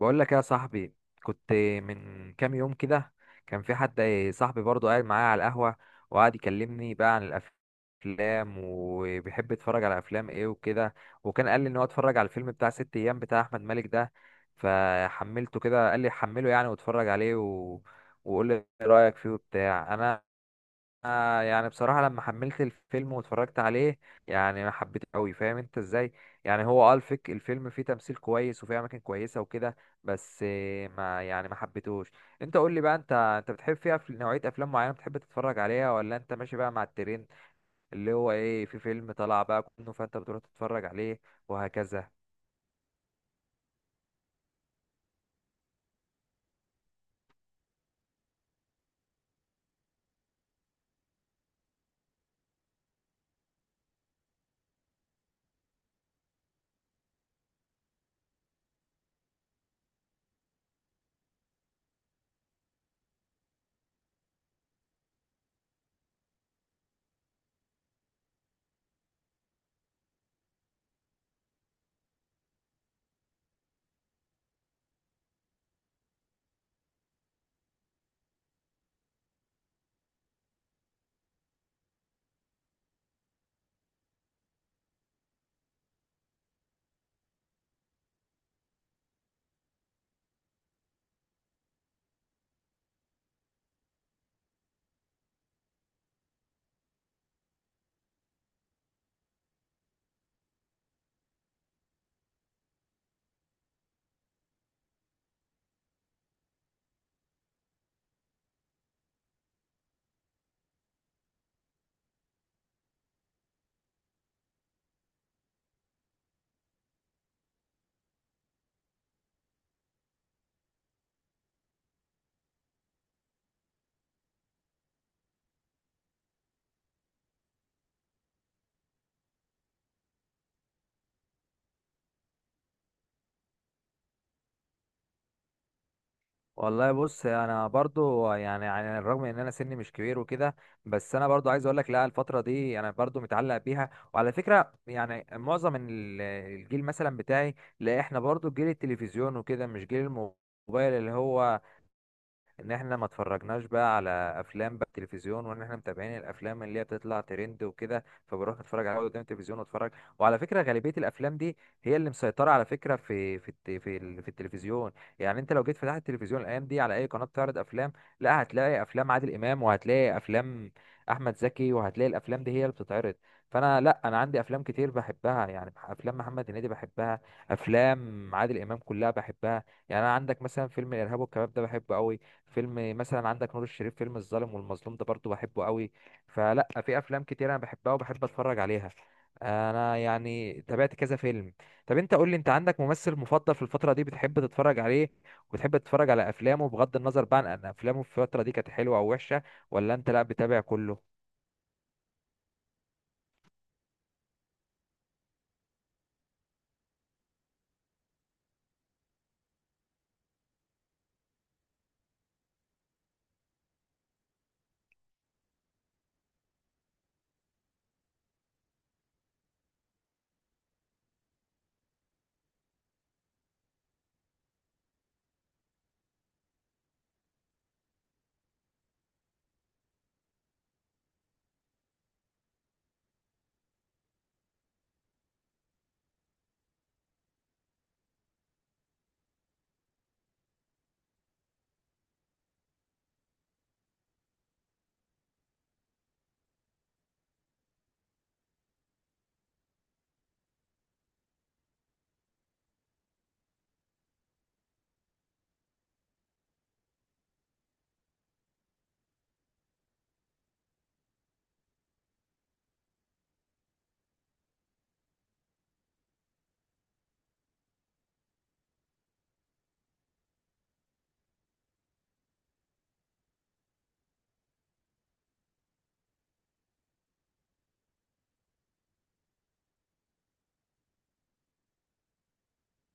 بقول لك يا صاحبي، كنت من كام يوم كده كان في حد، صاحبي برضه قاعد معايا على القهوة وقعد يكلمني بقى عن الأفلام، وبيحب يتفرج على أفلام إيه وكده. وكان قال لي إن هو اتفرج على الفيلم بتاع ست أيام بتاع أحمد مالك ده، فحملته كده، قال لي حمله يعني واتفرج عليه وقول لي إيه رأيك فيه وبتاع. أنا آه يعني بصراحة لما حملت الفيلم واتفرجت عليه يعني ما حبيته قوي، فاهم انت ازاي؟ يعني هو اه الفك الفيلم فيه تمثيل كويس وفيه اماكن كويسة وكده، بس آه، ما يعني ما حبيتهوش. انت قول لي بقى، انت بتحب فيها في نوعية افلام معينة بتحب تتفرج عليها، ولا انت ماشي بقى مع الترند اللي هو ايه، في فيلم طلع بقى كله فانت بتروح تتفرج عليه وهكذا؟ والله بص، انا برضو يعني رغم ان انا سني مش كبير وكده، بس انا برضو عايز اقول لك، لا الفتره دي انا برضو متعلق بيها. وعلى فكره يعني معظم الجيل مثلا بتاعي، لا احنا برضو جيل التلفزيون وكده، مش جيل الموبايل، اللي هو ان احنا ما اتفرجناش بقى على افلام بقى التلفزيون، وان احنا متابعين الافلام اللي هي بتطلع ترند وكده، فبروح اتفرج عليها قدام التلفزيون واتفرج. وعلى فكره غالبيه الافلام دي هي اللي مسيطره على فكره في التلفزيون. يعني انت لو جيت فتحت التلفزيون الايام دي على اي قناه بتعرض افلام، لا هتلاقي افلام عادل امام، وهتلاقي افلام احمد زكي، وهتلاقي الافلام دي هي اللي بتتعرض. فانا لا، انا عندي افلام كتير بحبها، يعني افلام محمد هنيدي بحبها، افلام عادل امام كلها بحبها. يعني انا عندك مثلا فيلم الارهاب والكباب ده بحبه قوي، فيلم مثلا عندك نور الشريف فيلم الظالم والمظلوم ده برضو بحبه قوي. فلا، في افلام كتير انا بحبها وبحب اتفرج عليها، انا يعني تابعت كذا فيلم. طب انت قول لي، انت عندك ممثل مفضل في الفترة دي بتحب تتفرج عليه وبتحب تتفرج على افلامه بغض النظر بقى عن ان افلامه في الفترة دي كانت حلوة او وحشة، ولا انت لا بتابع كله؟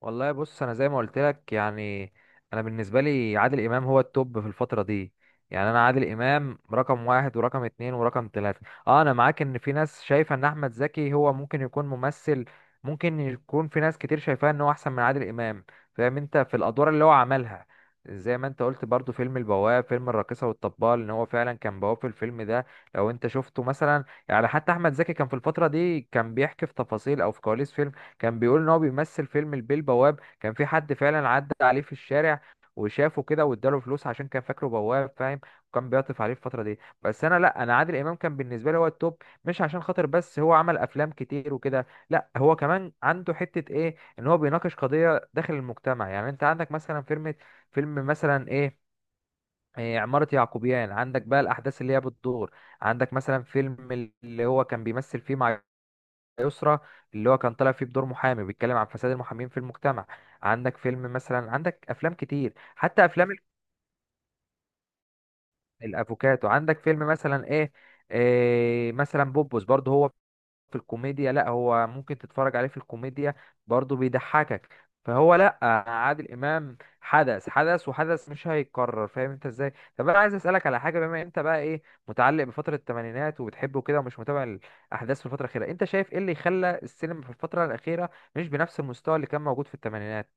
والله بص، انا زي ما قلت لك يعني، انا بالنسبه لي عادل امام هو التوب في الفتره دي. يعني انا عادل امام رقم واحد ورقم اتنين ورقم تلاته. اه انا معاك ان في ناس شايفه ان احمد زكي هو ممكن يكون ممثل، ممكن يكون في ناس كتير شايفاه ان هو احسن من عادل امام، فاهم انت، في الادوار اللي هو عملها. زي ما انت قلت برضو فيلم البواب، فيلم الراقصه والطبال، ان هو فعلا كان بواب في الفيلم ده. لو انت شفته مثلا، يعني حتى احمد زكي كان في الفتره دي كان بيحكي في تفاصيل او في كواليس فيلم، كان بيقول ان هو بيمثل فيلم البيه البواب، كان في حد فعلا عدى عليه في الشارع وشافه كده واداله فلوس عشان كان فاكره بواب، فاهم؟ وكان بيعطف عليه في الفترة دي. بس انا لا، انا عادل امام كان بالنسبة لي هو التوب، مش عشان خاطر بس هو عمل افلام كتير وكده، لا هو كمان عنده حتة ايه، ان هو بيناقش قضية داخل المجتمع. يعني انت عندك مثلا فيلم مثلا ايه، إيه، عمارة يعقوبيان، عندك بقى الأحداث اللي هي بتدور. عندك مثلا فيلم اللي هو كان بيمثل فيه مع يسرى، اللي هو كان طالع فيه بدور محامي بيتكلم عن فساد المحامين في المجتمع. عندك فيلم مثلا، عندك افلام كتير، حتى افلام الافوكاتو، عندك فيلم مثلا ايه، إيه مثلا بوبوس برضه هو في الكوميديا، لا هو ممكن تتفرج عليه في الكوميديا برضه بيضحكك. فهو لا، عادل امام حدث حدث وحدث، مش هيتكرر، فاهم انت ازاي؟ طب انا عايز اسالك على حاجه، بما انت بقى ايه، متعلق بفتره الثمانينات وبتحبه كده ومش متابع الاحداث في الفتره الاخيره، انت شايف ايه اللي خلى السينما في الفتره الاخيره مش بنفس المستوى اللي كان موجود في الثمانينات؟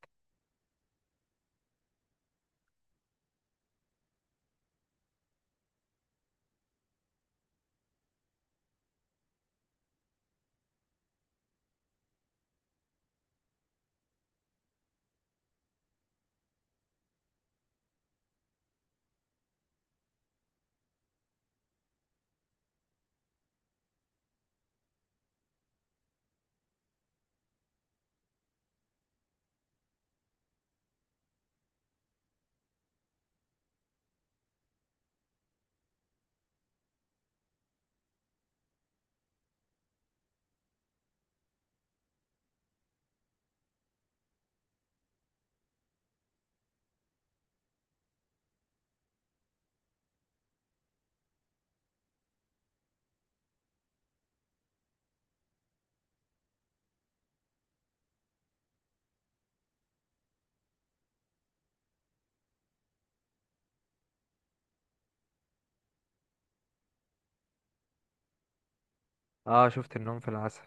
اه شفت النوم في العسل.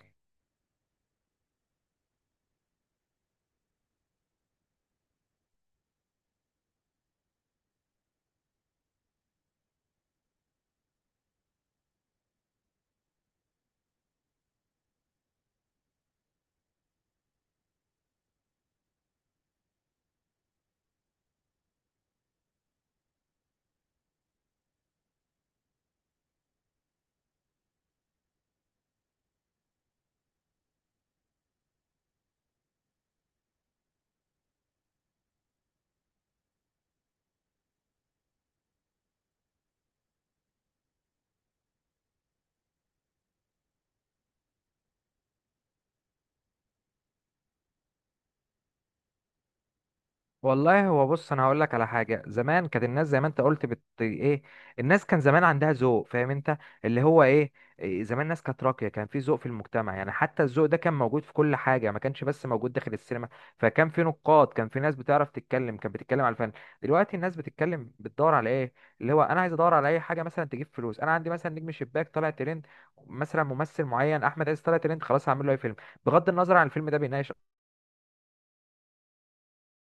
والله هو بص انا هقول لك على حاجه، زمان كانت الناس زي ما انت قلت بت ايه، الناس كان زمان عندها ذوق، فاهم انت اللي هو ايه، إيه، زمان الناس كانت راقيه، كان في ذوق في المجتمع، يعني حتى الذوق ده كان موجود في كل حاجه، ما كانش بس موجود داخل السينما. فكان في نقاد، كان في ناس بتعرف تتكلم، كانت بتتكلم على الفن. دلوقتي الناس بتتكلم بتدور على ايه، اللي هو انا عايز ادور على اي حاجه مثلا تجيب فلوس. انا عندي مثلا نجم شباك طالع ترند، مثلا ممثل معين احمد عز طالع ترند، خلاص هعمل له اي فيلم بغض النظر عن الفيلم ده بيناقش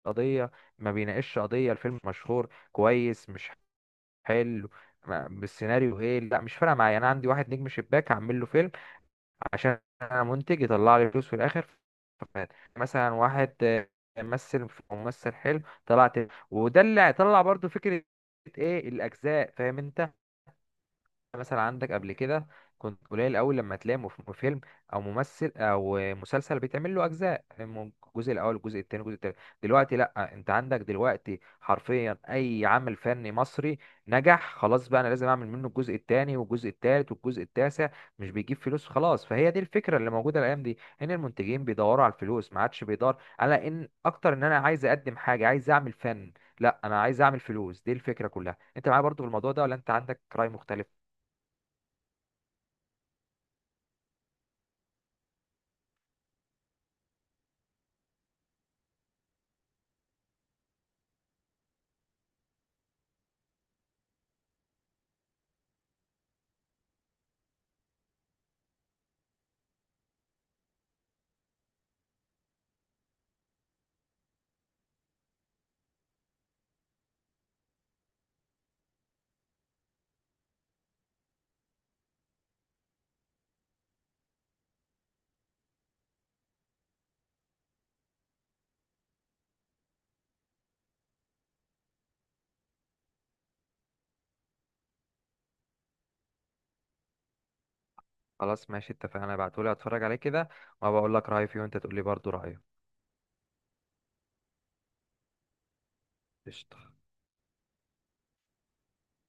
قضية ما بيناقشش قضية، الفيلم مشهور كويس، مش حلو بالسيناريو ايه، لا مش فارقة معايا، انا عندي واحد نجم شباك هعمل له فيلم عشان انا منتج يطلع لي فلوس في الاخر. فمات. مثلا واحد آه، ممثل حلو طلعت. وده اللي هيطلع برضو فكرة ايه الاجزاء، فاهم انت؟ مثلا عندك قبل كده كنت قليل قوي لما تلاقي فيلم او ممثل او مسلسل بيتعمل له اجزاء، الجزء الاول الجزء الثاني الجزء الثالث. دلوقتي لا، انت عندك دلوقتي حرفيا اي عمل فني مصري نجح، خلاص بقى انا لازم اعمل منه الجزء الثاني والجزء الثالث والجزء التاسع. مش بيجيب فلوس خلاص. فهي دي الفكره اللي موجوده الايام دي، ان المنتجين بيدوروا على الفلوس، ما عادش بيدور على ان اكتر، ان انا عايز اقدم حاجه، عايز اعمل فن، لا انا عايز اعمل فلوس، دي الفكره كلها. انت معايا برضو في الموضوع ده ولا انت عندك راي مختلف؟ خلاص ماشي، اتفقنا، ابعتهولي اتفرج عليه كده وبقول لك رأيي فيه، وانت تقول لي برضه رأيك. قشطة.